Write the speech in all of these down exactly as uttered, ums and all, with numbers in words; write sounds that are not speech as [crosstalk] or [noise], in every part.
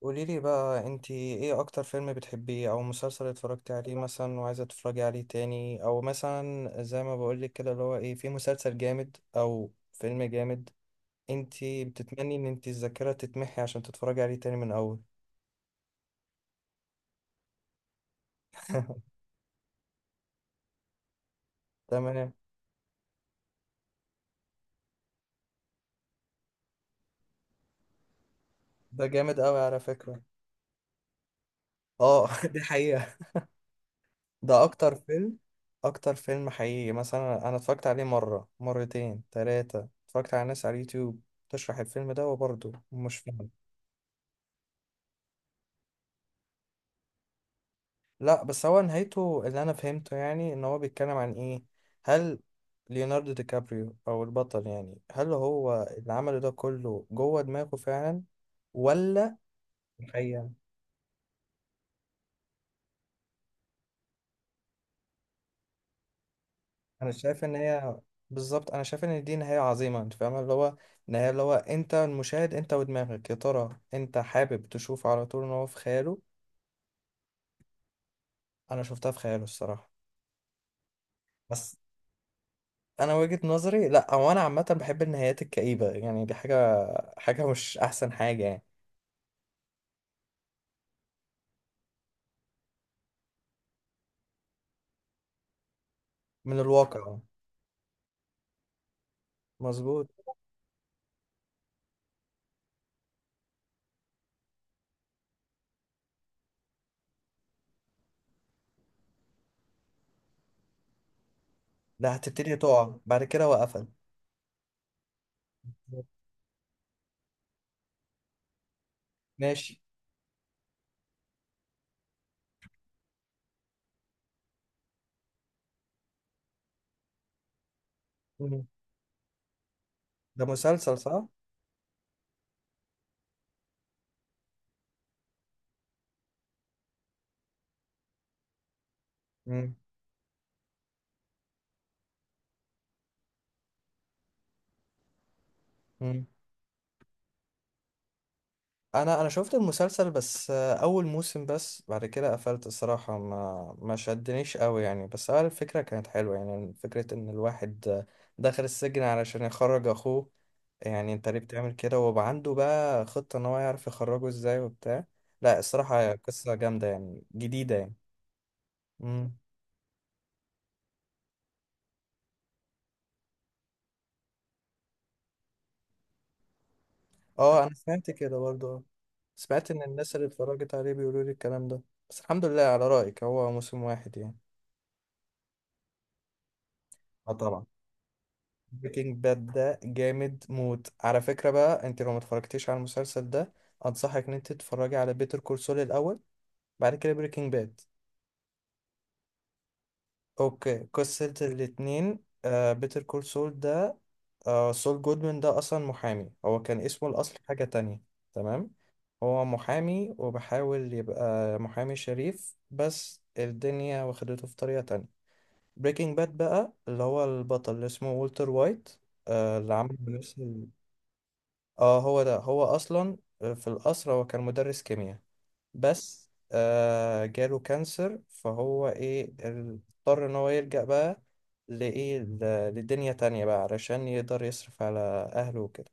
قوليلي بقى، انتي ايه اكتر فيلم بتحبيه او مسلسل اتفرجتي عليه مثلا وعايزة تتفرجي عليه تاني، او مثلا زي ما بقولك كده، اللي هو ايه، في مسلسل جامد او فيلم جامد انتي بتتمني ان انتي الذاكرة تتمحي عشان تتفرجي عليه تاني من اول؟ [laughs] تمام. ده جامد قوي على فكرة. اه، [laughs] دي حقيقة. ده اكتر فيلم. اكتر فيلم حقيقي، مثلا انا اتفرجت عليه مرة مرتين تلاتة، اتفرجت على ناس على اليوتيوب تشرح الفيلم ده وبرضه مش فاهم. لا، بس هو نهايته اللي انا فهمته، يعني ان هو بيتكلم عن ايه؟ هل ليوناردو دي كابريو او البطل، يعني هل هو اللي عمله ده كله جوه دماغه فعلا ولا؟ الحقيقة. انا شايف ان هي بالظبط، انا شايف ان دي نهاية عظيمة. انت فاهم اللي هو نهاية؟ اللي هو انت المشاهد، انت ودماغك يا ترى انت حابب تشوفه على طول ان هو في خياله. انا شفتها في خياله الصراحة. بس انا وجهة نظري، لا هو انا عامة بحب النهايات الكئيبة، يعني دي حاجة حاجة مش احسن حاجة يعني. من الواقع. مظبوط. لا، هتبتدي تقع بعد كده وقفل. ماشي. مم. ده مسلسل صح؟ مم. مم. انا انا شفت المسلسل، بس آه، اول موسم بس، بعد كده قفلت الصراحة. ما ما شدنيش قوي يعني، بس آه، الفكرة كانت حلوة، يعني فكرة ان الواحد آه، دخل السجن علشان يخرج اخوه. يعني انت ليه بتعمل كده، ويبقى عنده بقى خطة ان هو يعرف يخرجه ازاي وبتاع. لا، الصراحة قصة جامدة، يعني جديدة يعني. مم. اه، انا سمعت كده برضو. سمعت ان الناس اللي اتفرجت عليه بيقولوا لي الكلام ده. بس الحمد لله على رأيك هو موسم واحد يعني. اه طبعا. بريكنج باد ده جامد موت على فكرة. بقى انت لو ما اتفرجتيش على المسلسل ده، انصحك ان انت تتفرجي على بيتر كول سول الاول، بعد كده بريكنج باد. اوكي، قصة الاتنين. آه بيتر كول سول ده، آه سول جودمان ده اصلا محامي. هو كان اسمه الاصل حاجة تانية. تمام. هو محامي وبحاول يبقى محامي شريف، بس الدنيا واخدته في طريقة تانية. بريكنج باد بقى اللي هو البطل اللي اسمه والتر وايت، آه اللي عمل نفس ال- اه هو ده. هو اصلا آه، في القصر هو كان مدرس كيمياء، بس آه جاله كانسر، فهو ايه اضطر ان هو يلجأ بقى لايه، ل- لدنيا تانية بقى علشان يقدر يصرف على اهله وكده.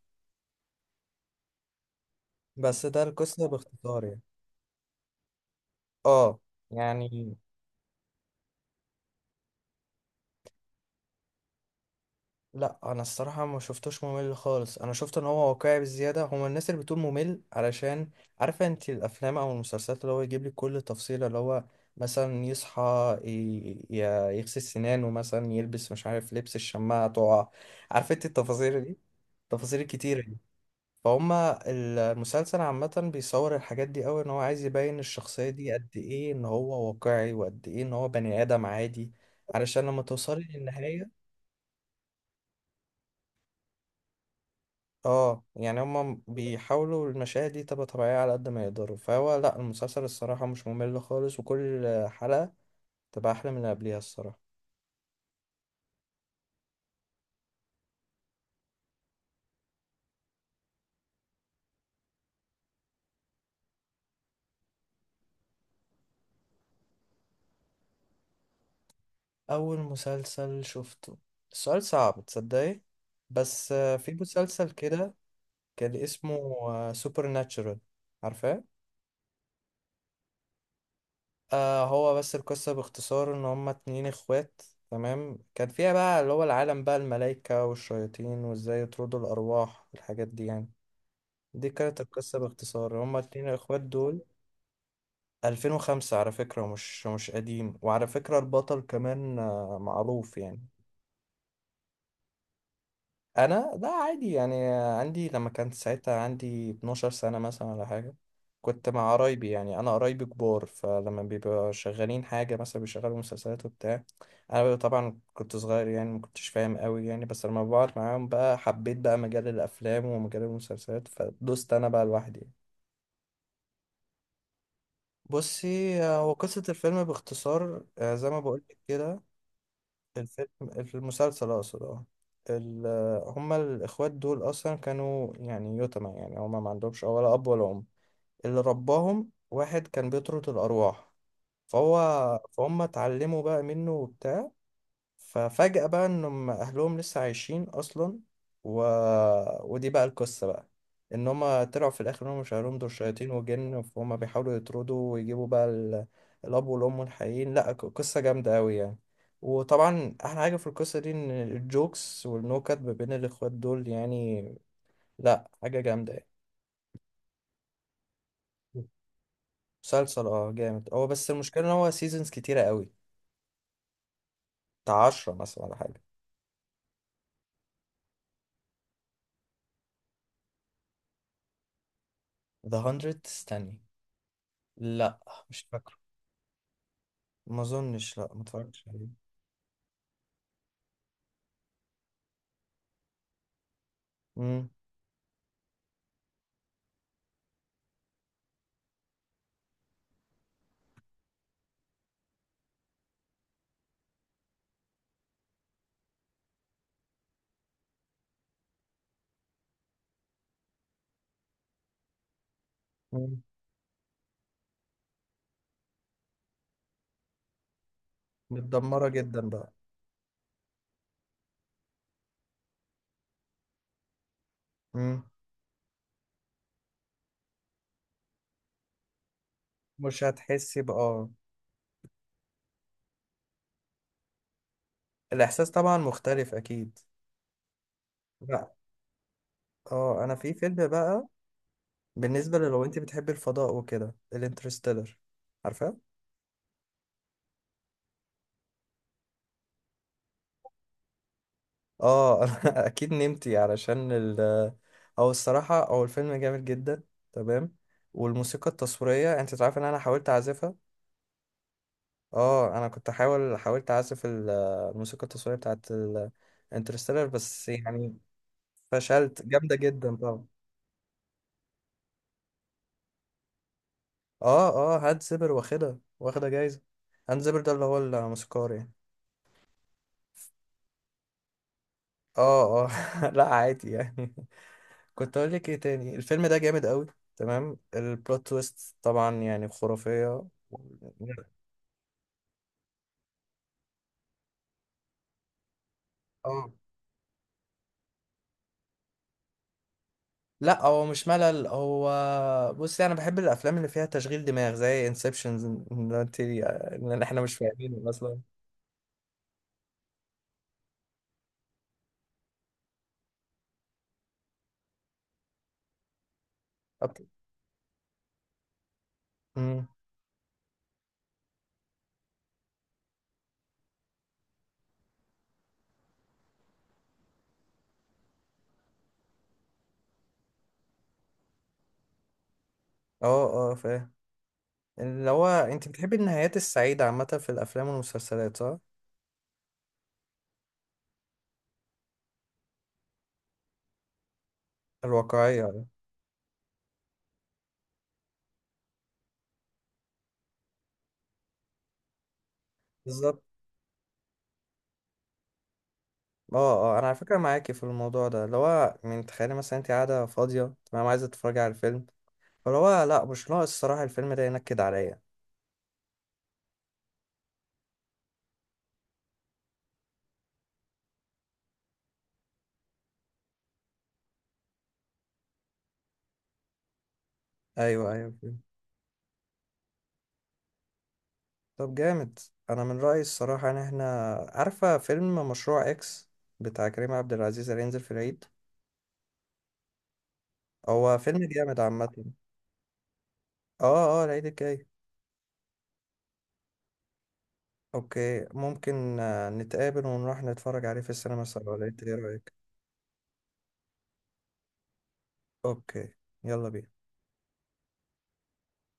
بس ده القصة باختصار يعني. اه يعني. لا انا الصراحه ما شفتوش ممل خالص. انا شفت ان هو واقعي بزياده. هما الناس اللي بتقول ممل علشان عارفه انت الافلام او المسلسلات اللي هو يجيب لك كل تفصيله، اللي هو مثلا يصحى، ي- ي- يغسل سنانه، مثلا يلبس، مش عارف لبس الشماعه تقع. عارفه انت التفاصيل دي؟ التفاصيل الكتيره دي. فهما المسلسل عامه بيصور الحاجات دي قوي ان هو عايز يبين الشخصيه دي قد ايه ان هو واقعي، وقد ايه ان هو بني ادم عادي. علشان لما توصلي للنهايه. اه، يعني هما بيحاولوا المشاهد دي تبقى طبيعية على قد ما يقدروا. فهو لا، المسلسل الصراحة مش ممل خالص، وكل حلقة تبقى أحلى من اللي قبليها الصراحة. أول مسلسل شفته؟ السؤال صعب تصدقي. بس آه، في مسلسل كده كان اسمه سوبر ناتشورال، عارفاه؟ آه، هو بس القصة باختصار إن هما اتنين إخوات. تمام. كان فيها بقى اللي هو العالم بقى الملايكة والشياطين، وإزاي يطردوا الأرواح والحاجات دي يعني. دي كانت القصة باختصار، هما الاتنين الإخوات دول. ألفين وخمسة على فكرة، مش مش قديم، وعلى فكرة البطل كمان آه، معروف يعني. أنا لا، عادي يعني. آه، عندي لما كانت ساعتها عندي اتناشر سنة مثلا ولا حاجة. كنت مع قرايبي، يعني أنا قرايبي كبار، فلما بيبقوا شغالين حاجة مثلا بيشغلوا مسلسلات وبتاع. أنا بيبقى طبعا كنت صغير يعني مكنتش فاهم قوي يعني، بس لما بقعد معاهم بقى حبيت بقى مجال الأفلام ومجال المسلسلات، فدوست أنا بقى لوحدي. بصي، هو قصة الفيلم باختصار آه، زي ما بقولك كده. الفيلم، في المسلسل أقصد، اه. ال- آه، هما الإخوات دول أصلا كانوا يعني يتامى، يعني هما ما عندهمش ولا أب ولا أم. اللي رباهم واحد كان بيطرد الأرواح، فهو فهم اتعلموا بقى منه وبتاع. ففجأة بقى انهم اهلهم لسه عايشين اصلا، و... ودي بقى القصة بقى، ان هما طلعوا في الاخر انهم مش اهلهم، دول شياطين وجن، فهم بيحاولوا يطردوا ويجيبوا بقى ال... الاب والام الحقيقيين. لا، ق- قصة جامدة قوي يعني. وطبعا احلى حاجة في القصة دي ان الجوكس والنكت ما بين الاخوات دول يعني، لا حاجة جامدة يعني. مسلسل اه جامد، هو بس المشكلة ان هو سيزونز كتيرة قوي. بتاع عشرة مثلا ولا حاجة. ذا هندرد؟ استني، لا مش فاكر. ما اظنش، لا ما اتفرجتش عليه. امم. أمم. متدمره جدا بقى. امم. مش هتحسي بقى. الاحساس طبعا مختلف اكيد. لا، اه انا في فيلم بقى، بالنسبه للو انت بتحبي الفضاء وكده، الانترستيلر. عارفه؟ اه، [laughs] انا اكيد نمتي علشان ال، او الصراحه او الفيلم جامد جدا. تمام. والموسيقى التصويريه، انت تعرف ان انا حاولت اعزفها؟ اه، انا كنت حاول حاولت اعزف ال- الموسيقى التصويريه بتاعت ال- انترستيلر، بس يعني فشلت، جامدة جدا طبعا. اه، اه، هاد سيبر واخدها، واخدة جايزة. هاد سيبر ده اللي هو الموسيقار يعني. اه، اه، [laughs] لا عادي يعني. [laughs] كنت اقول لك ايه تاني. الفيلم ده جامد قوي. تمام. البلوت تويست طبعا يعني خرافية. اه. لا هو مش ملل، هو بصي انا بحب الافلام اللي فيها تشغيل دماغ زي انسبشنز، ان إن انت ان احنا مش فاهمينه اصلا. أوكي. أمم. اه، اه، فاهم. اللي هو انت بتحبي النهايات السعيدة عامة في الأفلام والمسلسلات، صح؟ الواقعية. بالظبط. اه، اه، انا على فكرة معاكي في الموضوع ده. اللي هو من تخيلي مثلا انت قاعدة فاضية تمام عايزة تتفرجي على الفيلم، فاللي هو لا، مش ناقص الصراحة الفيلم ده ينكد عليا. ايوه، ايوه، فيلم. طب جامد. انا من رأيي الصراحة، ان احنا عارفة فيلم مشروع اكس بتاع كريم عبد العزيز اللي هينزل في العيد؟ هو فيلم جامد عامة. اه، اه، العيد الجاي. اوكي، ممكن آه، نتقابل ونروح نتفرج عليه في السينما سوا، ولا انت ايه رأيك؟ اوكي. يلا بينا.